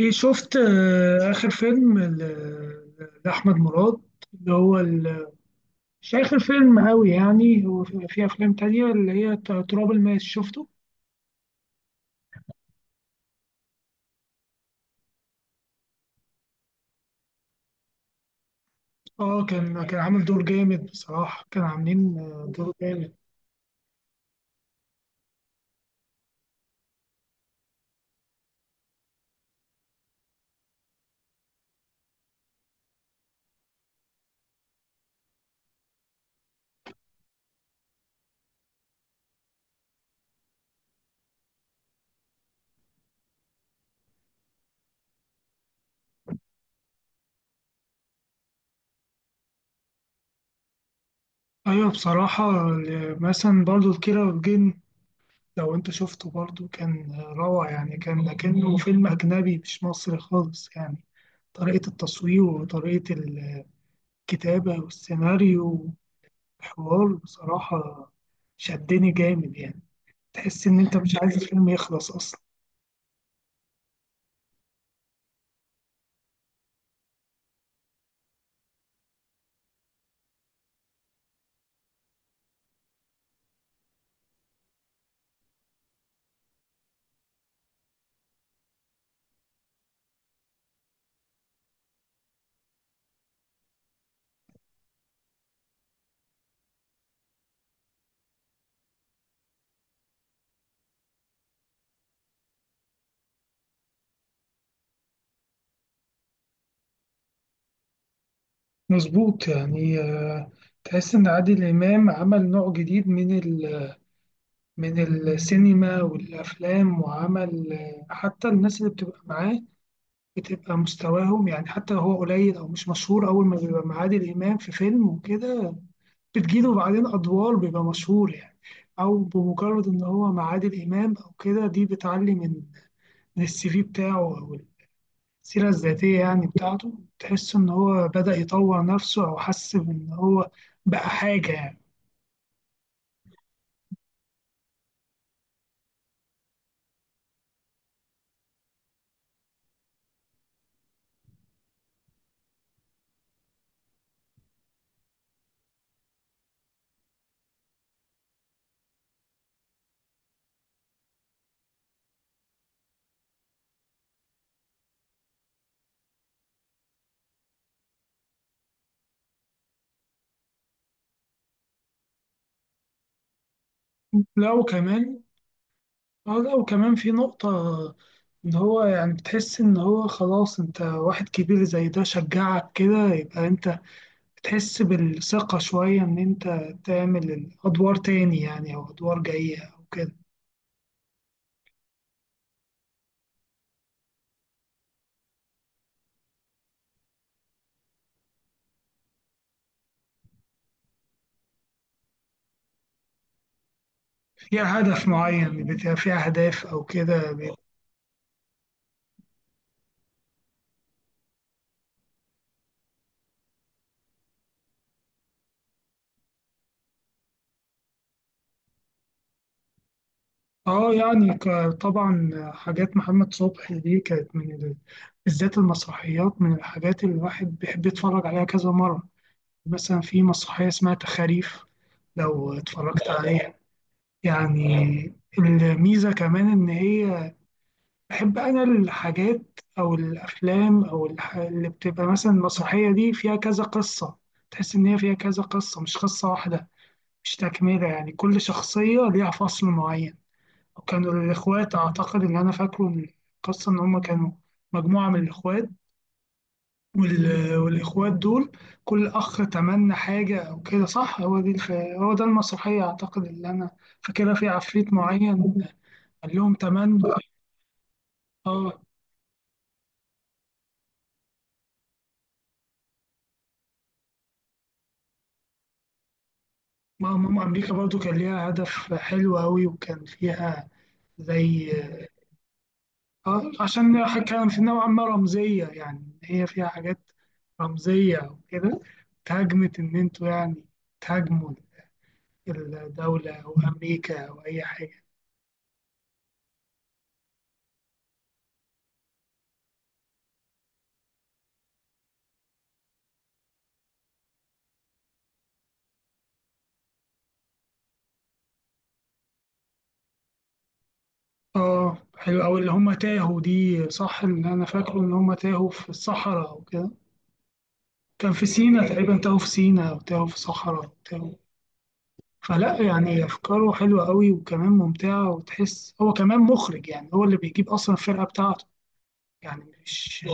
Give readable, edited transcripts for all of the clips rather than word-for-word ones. ايه شفت اخر فيلم لاحمد مراد اللي هو ال- مش اخر فيلم قوي يعني هو في افلام تانية اللي تراب الماس شفته. اه كان عامل دور جامد، بصراحة كان عاملين دور جامد. ايوه بصراحة مثلا برضو الكيرة والجن لو انت شفته برضو كان روعة، يعني كان كأنه فيلم اجنبي مش مصري خالص يعني. طريقة التصوير وطريقة الكتابة والسيناريو الحوار بصراحة شدني جامد يعني، تحس إن أنت مش عايز الفيلم يخلص أصلا. مظبوط يعني، تحس إن عادل إمام عمل نوع جديد من ال من السينما والأفلام، وعمل حتى الناس اللي بتبقى معاه بتبقى مستواهم، يعني حتى لو هو قليل أو مش مشهور، أول ما بيبقى مع عادل إمام في فيلم وكده بتجيله بعدين أدوار بيبقى مشهور يعني. أو بمجرد إن هو مع عادل إمام أو كده دي بتعلي من السي في بتاعه، أو السيرة الذاتية يعني بتاعته. تحس إن هو بدأ يطور نفسه أو حس إن هو بقى حاجة يعني. لو كمان، لو كمان في نقطة إن هو يعني بتحس إن هو خلاص أنت واحد كبير زي ده شجعك كده، يبقى أنت بتحس بالثقة شوية إن أنت تعمل أدوار تاني يعني، أو أدوار جاية أو كده. فيها هدف معين، بيبقى فيها أهداف أو كده. اه يعني طبعا حاجات محمد صبحي دي كانت من بالذات المسرحيات، من الحاجات اللي الواحد بيحب يتفرج عليها كذا مرة. مثلا في مسرحية اسمها تخاريف، لو اتفرجت عليها يعني. الميزة كمان إن هي، بحب أنا الحاجات أو الأفلام أو اللي بتبقى مثلا المسرحية دي فيها كذا قصة. تحس إن هي فيها كذا قصة مش قصة واحدة، مش تكملة، يعني كل شخصية ليها فصل معين. كانوا الإخوات، أعتقد إن أنا فاكره من القصة إن هما كانوا مجموعة من الإخوات، والإخوات دول كل أخ تمنى حاجة أو كده، صح؟ هو هو ده المسرحية أعتقد اللي أنا فاكرها، في عفريت معين قال لهم تمنى. آه. ما ماما أمريكا برضو كان ليها هدف حلو أوي، وكان فيها زي، آه، عشان كان في نوعا ما رمزية، يعني هي فيها حاجات رمزية وكده. اتهاجمت إن أنتوا يعني تهاجموا الدولة أو أمريكا أو أي حاجة. آه حلو أوي اللي هما تاهوا دي، صح إن أنا فاكره إن هما تاهوا في الصحراء أو كده. كان في سينا تقريبا، تاهوا في سينا أو تاهوا في صحراء تاهوا. فلا يعني أفكاره حلوة أوي، وكمان ممتعة، وتحس هو كمان مخرج يعني، هو اللي بيجيب أصلا الفرقة بتاعته، يعني مش.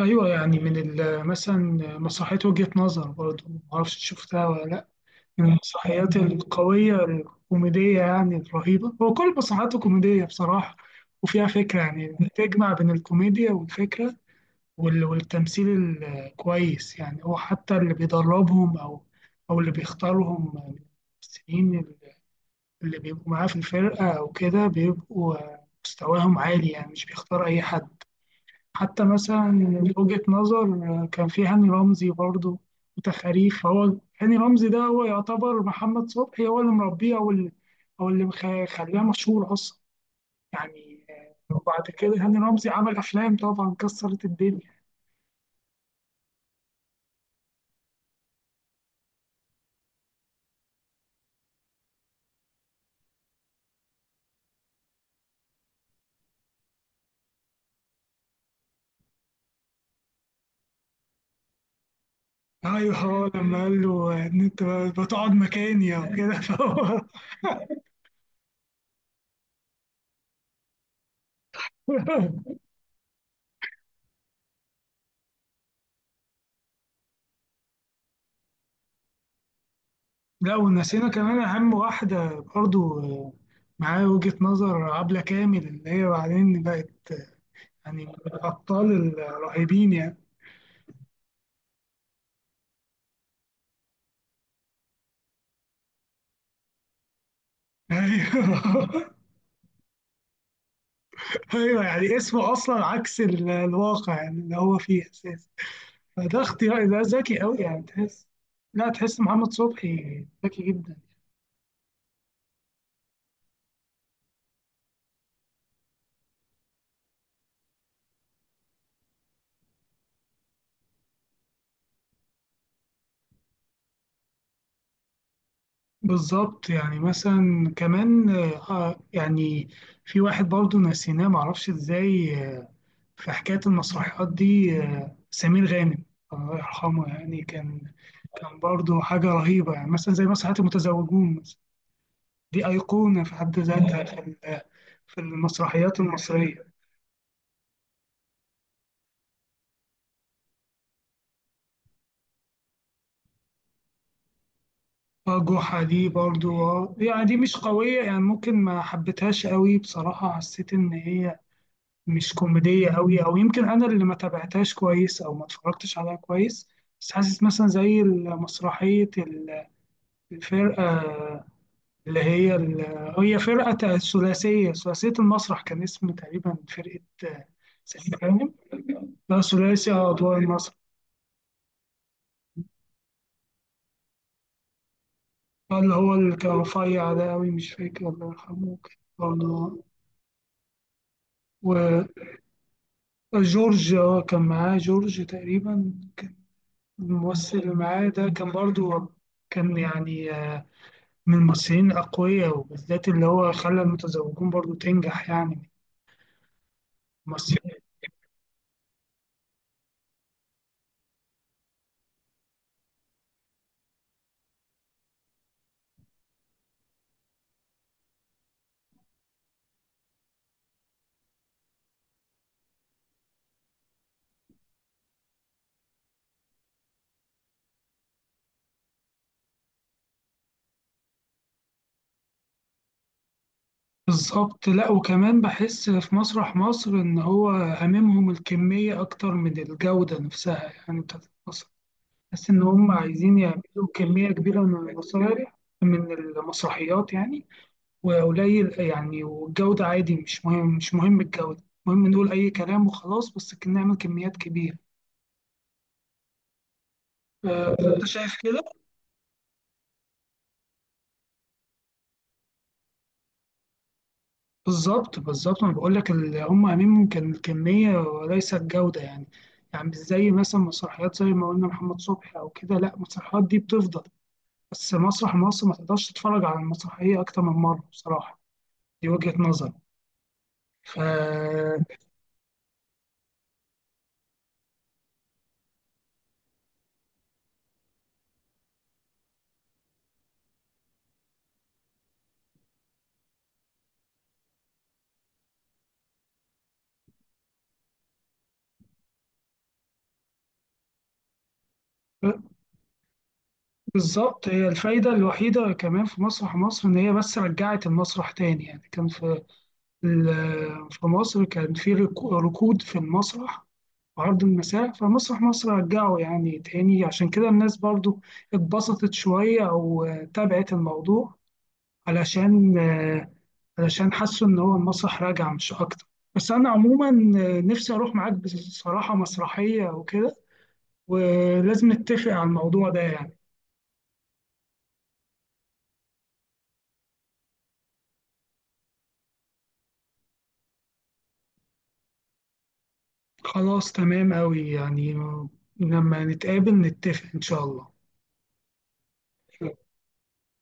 أيوة يعني من مثلا مسرحية وجهة نظر برضه، معرفش شفتها ولا لأ. من المسرحيات القوية الكوميدية يعني الرهيبة، هو كل مسرحياته كوميدية بصراحة، وفيها فكرة، يعني بتجمع بين الكوميديا والفكرة والتمثيل الكويس. يعني هو حتى اللي بيدربهم، أو أو اللي بيختارهم من الممثلين اللي بيبقوا معاه في الفرقة أو كده، بيبقوا مستواهم عالي يعني، مش بيختار أي حد. حتى مثلا من وجهة نظر، كان في هاني رمزي برضه وتخاريف، فهو هاني رمزي ده هو يعتبر محمد صبحي هو اللي مربيه، او اللي او اللي خلاه مشهور اصلا يعني. وبعد كده هاني رمزي عمل افلام طبعا كسرت الدنيا. ايوه هو لما قال له ان انت بتقعد مكاني او كده فهو. لا ونسينا كمان اهم واحده برضه، معاه وجهة نظر، عبلة كامل اللي هي بعدين بقت يعني من الأبطال الرهيبين يعني. أيوه. أيوه يعني اسمه أصلا عكس الواقع يعني اللي هو فيه أساسا. فده اختيار، ده ذكي أوي يعني، تحس، لا تحس محمد صبحي ذكي جدا. بالظبط يعني مثلا كمان، آه يعني، في واحد برضه نسيناه معرفش ازاي، في حكاية المسرحيات دي، سمير غانم الله يرحمه، يعني كان كان برضه حاجة رهيبة يعني، مثلا زي مسرحيات المتزوجون مثلا، دي أيقونة في حد ذاتها في في المسرحيات المصرية. اه جحا دي برضو اه، يعني دي مش قوية، يعني ممكن ما حبيتهاش قوي بصراحة، حسيت إن هي مش كوميدية قوي، أو يمكن أنا اللي ما تابعتهاش كويس أو ما اتفرجتش عليها كويس. بس حاسس مثلا زي مسرحية الفرقة اللي هي هي فرقة ثلاثية المسرح، كان اسم تقريبا فرقة، سعيد غانم، لا ثلاثي، أدوار. اللي هو اللي كان رفيع ده أوي مش فاكر، الله يرحمه، كان برضه وجورج، كان معاه جورج تقريبا، كان الممثل اللي معاه ده كان برضه كان يعني، من الممثلين الأقوياء، وبالذات اللي هو خلى المتزوجون برضه تنجح يعني. ممثلين. بالظبط. لا وكمان بحس في مسرح مصر إن هو هاممهم الكمية أكتر من الجودة نفسها يعني بتاعت المسرح، بس إن هم عايزين يعملوا كمية كبيرة من المصالح من المسرحيات يعني، وقليل يعني، والجودة عادي مش مهم، مش مهم الجودة، المهم نقول أي كلام وخلاص، بس كنا نعمل كميات كبيرة. أنت شايف كده؟ بالظبط، بالظبط. أنا بقول لك هم أهمهم كان الكمية وليس الجودة يعني. يعني مش زي مثلا مسرحيات زي ما قلنا محمد صبحي أو كده، لا المسرحيات دي بتفضل، بس مسرح مصر ما تقدرش تتفرج على المسرحية أكتر من مرة بصراحة، دي وجهة نظري ف. بالظبط هي الفايدة الوحيدة كمان في مسرح مصر إن هي بس رجعت المسرح تاني يعني، كان في في مصر كان في ركود في المسرح وعرض المساء، فمسرح مصر رجعه يعني تاني، عشان كده الناس برضو اتبسطت شوية أو، تابعت الموضوع علشان، علشان حسوا إن هو المسرح راجع مش أكتر. بس أنا عموما، نفسي أروح معاك بصراحة مسرحية وكده، ولازم نتفق على الموضوع ده يعني. خلاص تمام أوي يعني، لما نتقابل نتفق إن شاء الله.